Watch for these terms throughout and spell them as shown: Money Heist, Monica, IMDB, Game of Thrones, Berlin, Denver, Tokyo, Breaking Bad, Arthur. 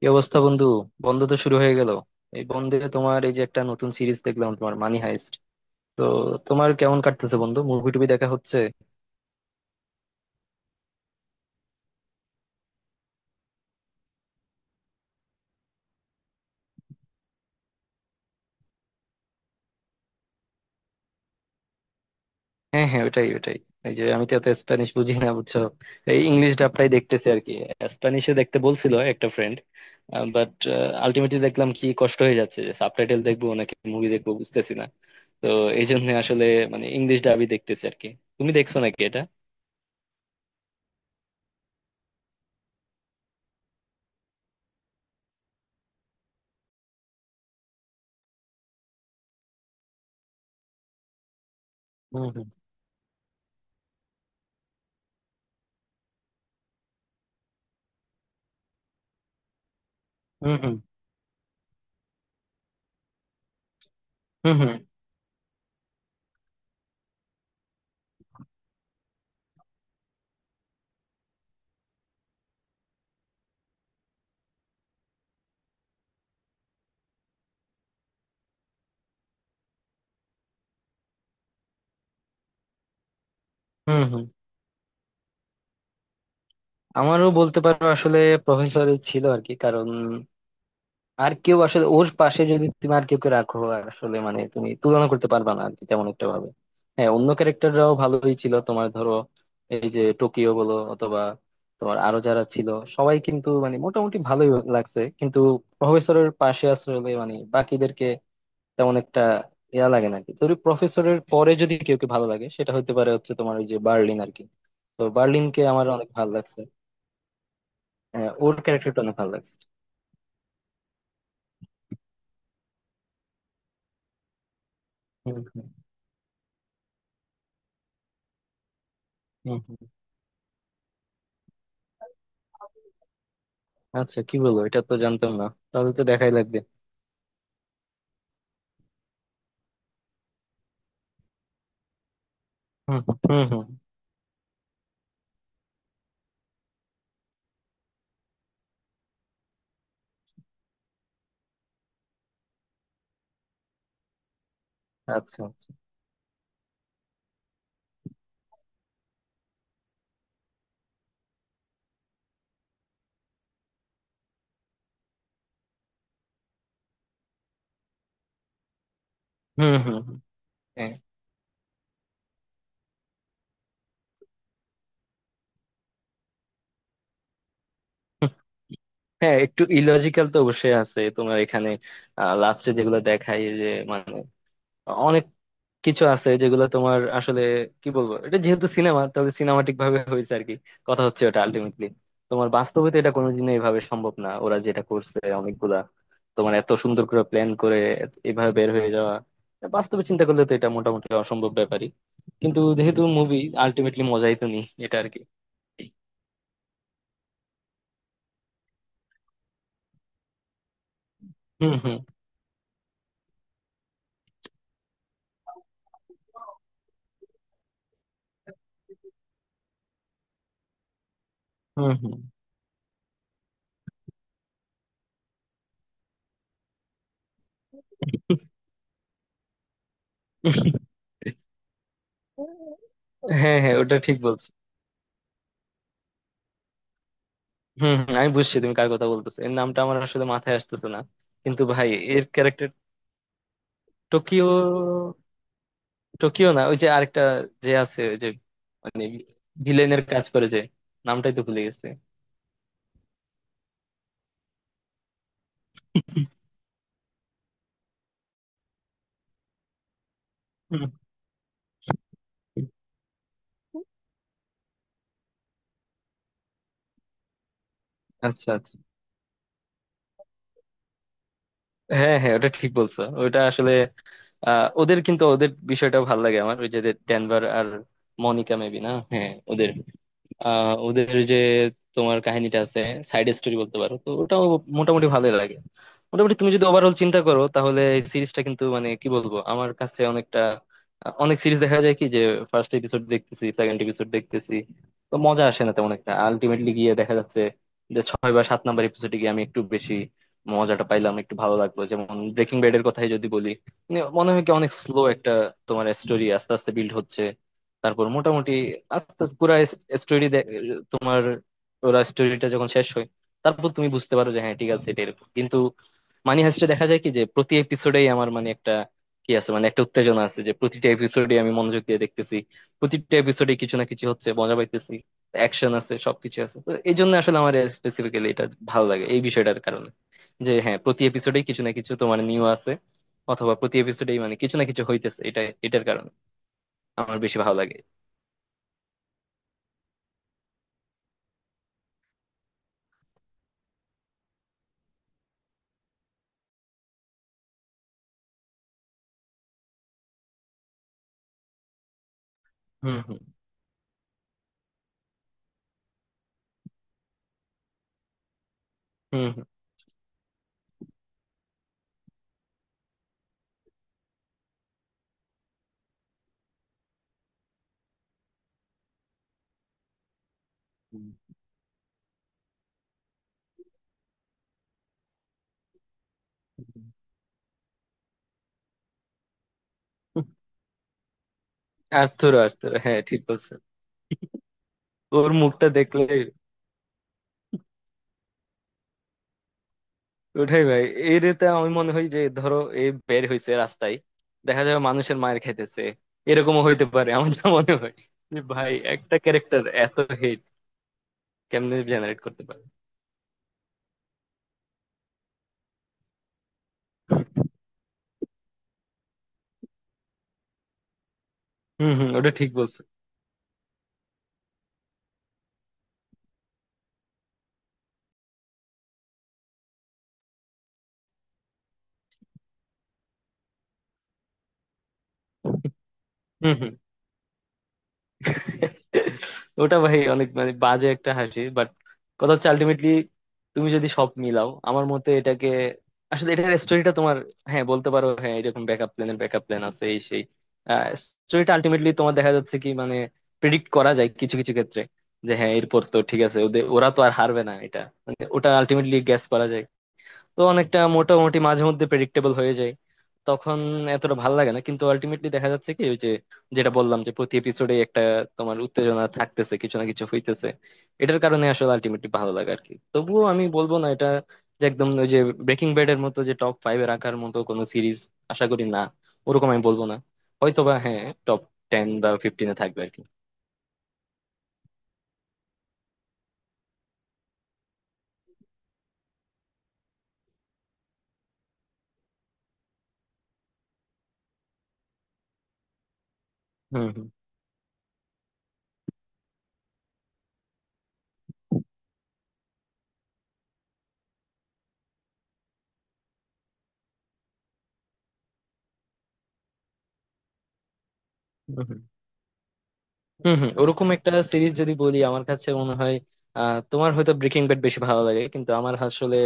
কি অবস্থা বন্ধু? বন্ধ তো শুরু হয়ে গেল। এই বন্ধে তোমার এই যে একটা নতুন সিরিজ দেখলাম, তোমার মানি হাইস্ট। তো তোমার কেমন কাটতেছে বন্ধু? মুভি টুভি দেখা হচ্ছে? হ্যাঁ হ্যাঁ, ওটাই ওটাই। এই যে আমি তো এত স্প্যানিশ বুঝি না বুঝছো, এই ইংলিশ ডাবটাই দেখতেছি আর কি। স্প্যানিশে দেখতে বলছিল একটা ফ্রেন্ড, বাট আলটিমেটলি দেখলাম কি কষ্ট হয়ে যাচ্ছে, যে সাবটাইটেল দেখবো নাকি মুভি দেখবো বুঝতেছি না। তো এই জন্য আসলে মানে ইংলিশ ডাবই দেখতেছি আর কি। তুমি দেখছো নাকি এটা? হুম হুম। হুম হুম। হুম হুম। হুম হুম। আমারও বলতে পারো আসলে, প্রফেসরই ছিল আর কি, কারণ আর কেউ আসলে ওর পাশে যদি তুমি আর কেউ কে রাখো, আর আসলে মানে তুমি তুলনা করতে পারবা না আর কি তেমন একটা ভাবে। হ্যাঁ, অন্য ক্যারেক্টাররাও ভালোই ছিল তোমার, ধরো এই যে টোকিও বলো অথবা তোমার আরো যারা ছিল, সবাই কিন্তু মানে মোটামুটি ভালোই লাগছে। কিন্তু প্রফেসরের পাশে আসলে মানে বাকিদেরকে তেমন একটা ইয়া লাগে না আর কি। যদি প্রফেসরের পরে যদি কেউ কে ভালো লাগে, সেটা হতে পারে হচ্ছে তোমার ওই যে বার্লিন আর কি। তো বার্লিনকে আমার অনেক ভালো লাগছে। হ্যাঁ, ওর ক্যারেক্টারটা অনেক ভালো লাগছে। হুম হুম। হুম হুম। আচ্ছা, কি বলবো, এটা তো জানতাম না। তাহলে তো দেখাই লাগবে। হুম হুম হুম হুম। আচ্ছা আচ্ছা। হুম হুম হুম। হ্যাঁ। হুম। হ্যাঁ, একটু ইলজিক্যাল তো অবশ্যই আছে তোমার এখানে। লাস্টে যেগুলো দেখায় যে, মানে অনেক কিছু আছে যেগুলো তোমার আসলে, কি বলবো, এটা যেহেতু সিনেমা তাহলে সিনেমাটিক ভাবে হয়েছে আর কি। কথা হচ্ছে ওটা আলটিমেটলি তোমার বাস্তবে তো এটা কোনোদিনও এইভাবে সম্ভব না, ওরা যেটা করছে অনেকগুলা তোমার এত সুন্দর করে প্ল্যান করে এভাবে বের হয়ে যাওয়া, এটা বাস্তবে চিন্তা করলে তো এটা মোটামুটি অসম্ভব ব্যাপারই। কিন্তু যেহেতু মুভি, আলটিমেটলি মজাই তো নি এটা আর কি। হুম হুম। হুম হুম। হ্যাঁ হ্যাঁ, ওটা ঠিক বলছো। হম হম, আমি বুঝছি তুমি কার কথা বলতেছো, এর নামটা আমার আসলে মাথায় আসতেছে না। কিন্তু ভাই, এর ক্যারেক্টার। টোকিও। টোকিও না, ওই যে আরেকটা যে আছে, ওই যে মানে ভিলেনের কাজ করে যে, নামটাই তো ভুলে গেছে। হুম। আচ্ছা আচ্ছা। হ্যাঁ হ্যাঁ, ওটা ঠিক বলছো, ওটা আসলে ওদের কিন্তু ওদের বিষয়টা ভালো লাগে আমার, ওই যে ডেনভার আর মনিকা মেবি না। হ্যাঁ ওদের, ওদের যে তোমার কাহিনীটা আছে, সাইড স্টোরি বলতে পারো, তো ওটাও মোটামুটি ভালোই লাগে। মোটামুটি তুমি যদি ওভারঅল চিন্তা করো, তাহলে এই সিরিজটা কিন্তু মানে কি বলবো, আমার কাছে অনেকটা, অনেক সিরিজ দেখা যায় কি, যে ফার্স্ট এপিসোড দেখতেছি, সেকেন্ড এপিসোড দেখতেছি, তো মজা আসে না তেমন একটা। আলটিমেটলি গিয়ে দেখা যাচ্ছে যে 6 বা 7 নাম্বার এপিসোডে গিয়ে আমি একটু বেশি মজাটা পাইলাম, একটু ভালো লাগলো। যেমন ব্রেকিং ব্যাড এর কথাই যদি বলি, মানে মনে হয় কি অনেক স্লো একটা তোমার স্টোরি আস্তে আস্তে বিল্ড হচ্ছে, তারপর মোটামুটি আস্তে আস্তে পুরা স্টোরি তোমার, ওরা স্টোরিটা যখন শেষ হয়, তারপর তুমি বুঝতে পারো যে হ্যাঁ ঠিক আছে, এটা এরকম। কিন্তু মানি হাইস্টে দেখা যায় কি, যে প্রতি এপিসোডেই আমার মানে একটা কি আছে, মানে একটা উত্তেজনা আছে, যে প্রতিটা এপিসোডে আমি মনোযোগ দিয়ে দেখতেছি। প্রতিটা এপিসোডে কিছু না কিছু হচ্ছে, মজা পাইতেছি, অ্যাকশন আছে, সবকিছু আছে। তো এই জন্য আসলে আমার স্পেসিফিক্যালি এটা ভালো লাগে, এই বিষয়টার কারণে যে হ্যাঁ প্রতি এপিসোডেই কিছু না কিছু তোমার নিউ আছে, অথবা প্রতি এপিসোডেই মানে কিছু না কিছু হইতেছে, এটা, এটার কারণে আমার বেশি ভালো লাগে। হুম হুম। হুম হুম। হুম। হুম। আর্থুর, আর্থুর, হ্যাঁ ঠিক বলছেন। ওর মুখটা দেখলে ওঠাই ভাই। এর, এতে আমি মনে হয় যে, ধরো এ বের হইছে রাস্তায়, দেখা যাবে মানুষের মায়ের খাইতেছে, এরকমও হইতে পারে আমার যা মনে হয়, যে ভাই একটা ক্যারেক্টার এত হেট কেমনে জেনারেট করতে পারে। হম হম, ওটা ঠিক বলছো। ওটা ভাই অনেক মানে বাজে একটা হাসি, বাট কথা হচ্ছে আলটিমেটলি তুমি যদি সব মিলাও, আমার মতে এটাকে, আসলে এটার স্টোরিটা তোমার, হ্যাঁ বলতে পারো হ্যাঁ, এরকম ব্যাকআপ প্ল্যানের ব্যাকআপ প্ল্যান আছে এই সেই, স্টোরিটা আলটিমেটলি তোমার দেখা যাচ্ছে কি মানে প্রেডিক্ট করা যায় কিছু কিছু ক্ষেত্রে, যে হ্যাঁ এরপর তো ঠিক আছে, ওদের ওরা তো আর হারবে না এটা, মানে ওটা আলটিমেটলি গ্যাস করা যায়। তো অনেকটা মোটামুটি মাঝে মধ্যে প্রেডিক্টেবল হয়ে যায়, তখন এতটা ভালো লাগে না। কিন্তু আলটিমেটলি দেখা যাচ্ছে কি ওই যে, যেটা বললাম যে প্রতি এপিসোডে একটা তোমার উত্তেজনা থাকতেছে, কিছু না কিছু হইতেছে, এটার কারণে আসলে আলটিমেটলি ভালো লাগে আর কি। তবুও আমি বলবো না এটা, যে একদম ওই যে ব্রেকিং ব্যাড এর মতো যে টপ ফাইভে রাখার মতো কোনো সিরিজ, আশা করি না, ওরকম আমি বলবো না। হয়তোবা হ্যাঁ টপ টেন বা ফিফটিনে থাকবে আর কি। হম হম। হম হম। হম হম, ওরকম একটা সিরিজ যদি বলি আমার কাছে মনে হয় আহ তোমার হয়তো ব্রেকিং ব্যাড বেশি ভালো লাগে, কিন্তু আমার আসলে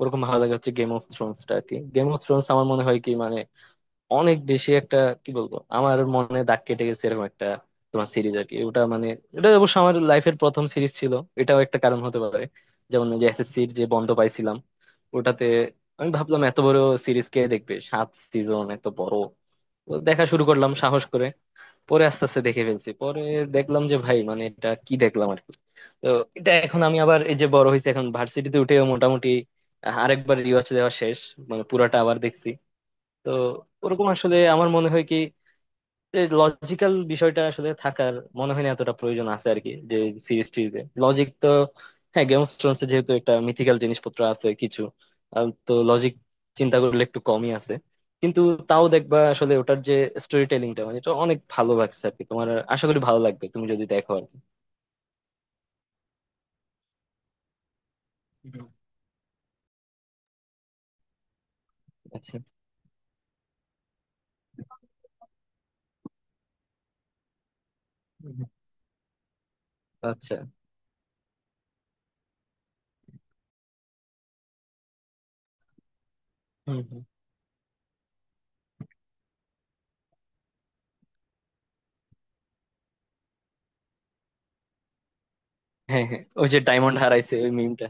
ওরকম ভালো লাগে হচ্ছে গেম অফ থ্রোনসটা আর কি। গেম অফ থ্রোনস আমার মনে হয় কি মানে অনেক বেশি একটা, কি বলবো, আমার মনে দাগ কেটে গেছে এরকম একটা তোমার সিরিজ আর কি। ওটা মানে এটা অবশ্য আমার লাইফের প্রথম সিরিজ ছিল, এটাও একটা কারণ হতে পারে। যেমন ওই যে এসএসসির যে বন্ধ পাইছিলাম ওটাতে, আমি ভাবলাম এত বড় সিরিজ কে দেখবে, 7 সিজন এত বড়। তো দেখা শুরু করলাম সাহস করে, পরে আস্তে আস্তে দেখে ফেলছি। পরে দেখলাম যে ভাই, মানে এটা কি দেখলাম আর কি। তো এটা এখন আমি আবার, এই যে বড় হয়েছে এখন ভার্সিটিতে উঠে, মোটামুটি আরেকবার রিওয়াচ দেওয়া শেষ, মানে পুরাটা আবার দেখছি। তো ওরকম আসলে আমার মনে হয় কি লজিক্যাল বিষয়টা আসলে থাকার মনে হয় না এতটা প্রয়োজন আছে আর কি, যে সিরিজ টিরিজে লজিক তো, হ্যাঁ গেম অফ থ্রোনস যেহেতু একটা মিথিক্যাল জিনিসপত্র আছে কিছু, তো লজিক চিন্তা করলে একটু কমই আছে। কিন্তু তাও দেখবা আসলে ওটার যে স্টোরি টেলিংটা, মানে এটা অনেক ভালো লাগছে আর কি তোমার। আশা করি ভালো লাগবে তুমি যদি দেখো আর কি। হুম, আচ্ছা। হুম, আচ্ছা। হুম হুম। হ্যাঁ হ্যাঁ, ওই যে ডায়মন্ড হারাইছে ওই মিমটা।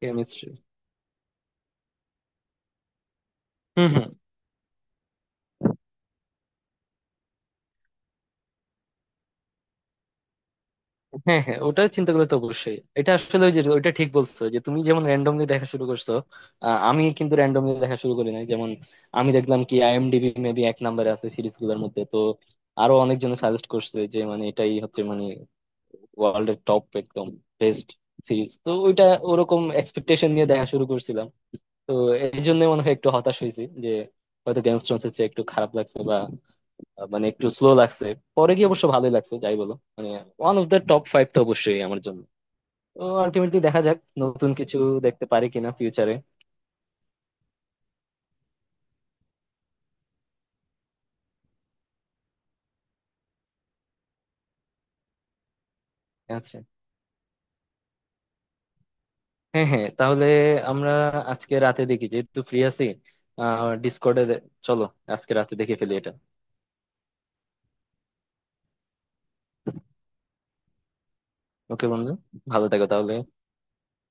কেমিস্ট্রি। হ্যাঁ হ্যাঁ, ওটা চিন্তা করলে তো অবশ্যই, এটা আসলে ওই যে ওইটা ঠিক বলছো যে তুমি যেমন র্যান্ডমলি দেখা শুরু করছো, আমি কিন্তু র্যান্ডমলি দেখা শুরু করি নাই। যেমন আমি দেখলাম কি আইএমডিবি মেবি 1 নম্বরে আছে সিরিজ গুলোর মধ্যে, তো আরো অনেকজন সাজেস্ট করছে যে মানে এটাই হচ্ছে মানে ওয়ার্ল্ডের টপ একদম বেস্ট সিরিজ, তো ওইটা ওরকম এক্সপেকটেশন নিয়ে দেখা শুরু করছিলাম। তো এই জন্য মনে হয় একটু হতাশ হয়েছি, যে হয়তো গেমস থ্রোনস হচ্ছে একটু খারাপ লাগছে বা, মানে একটু স্লো লাগছে। পরে গিয়ে অবশ্য ভালোই লাগছে যাই বলো, মানে one of the top five তো অবশ্যই আমার জন্য। তো আলটিমেটলি দেখা যাক নতুন কিছু দেখতে পারি কিনা ফিউচারে। আচ্ছা। হ্যাঁ হ্যাঁ, তাহলে আমরা আজকে রাতে দেখি যেহেতু ফ্রি আছি। আহ ডিসকর্ডে, চলো আজকে রাতে দেখে ফেলি এটা। ওকে বন্ধু, ভালো থাকো তাহলে।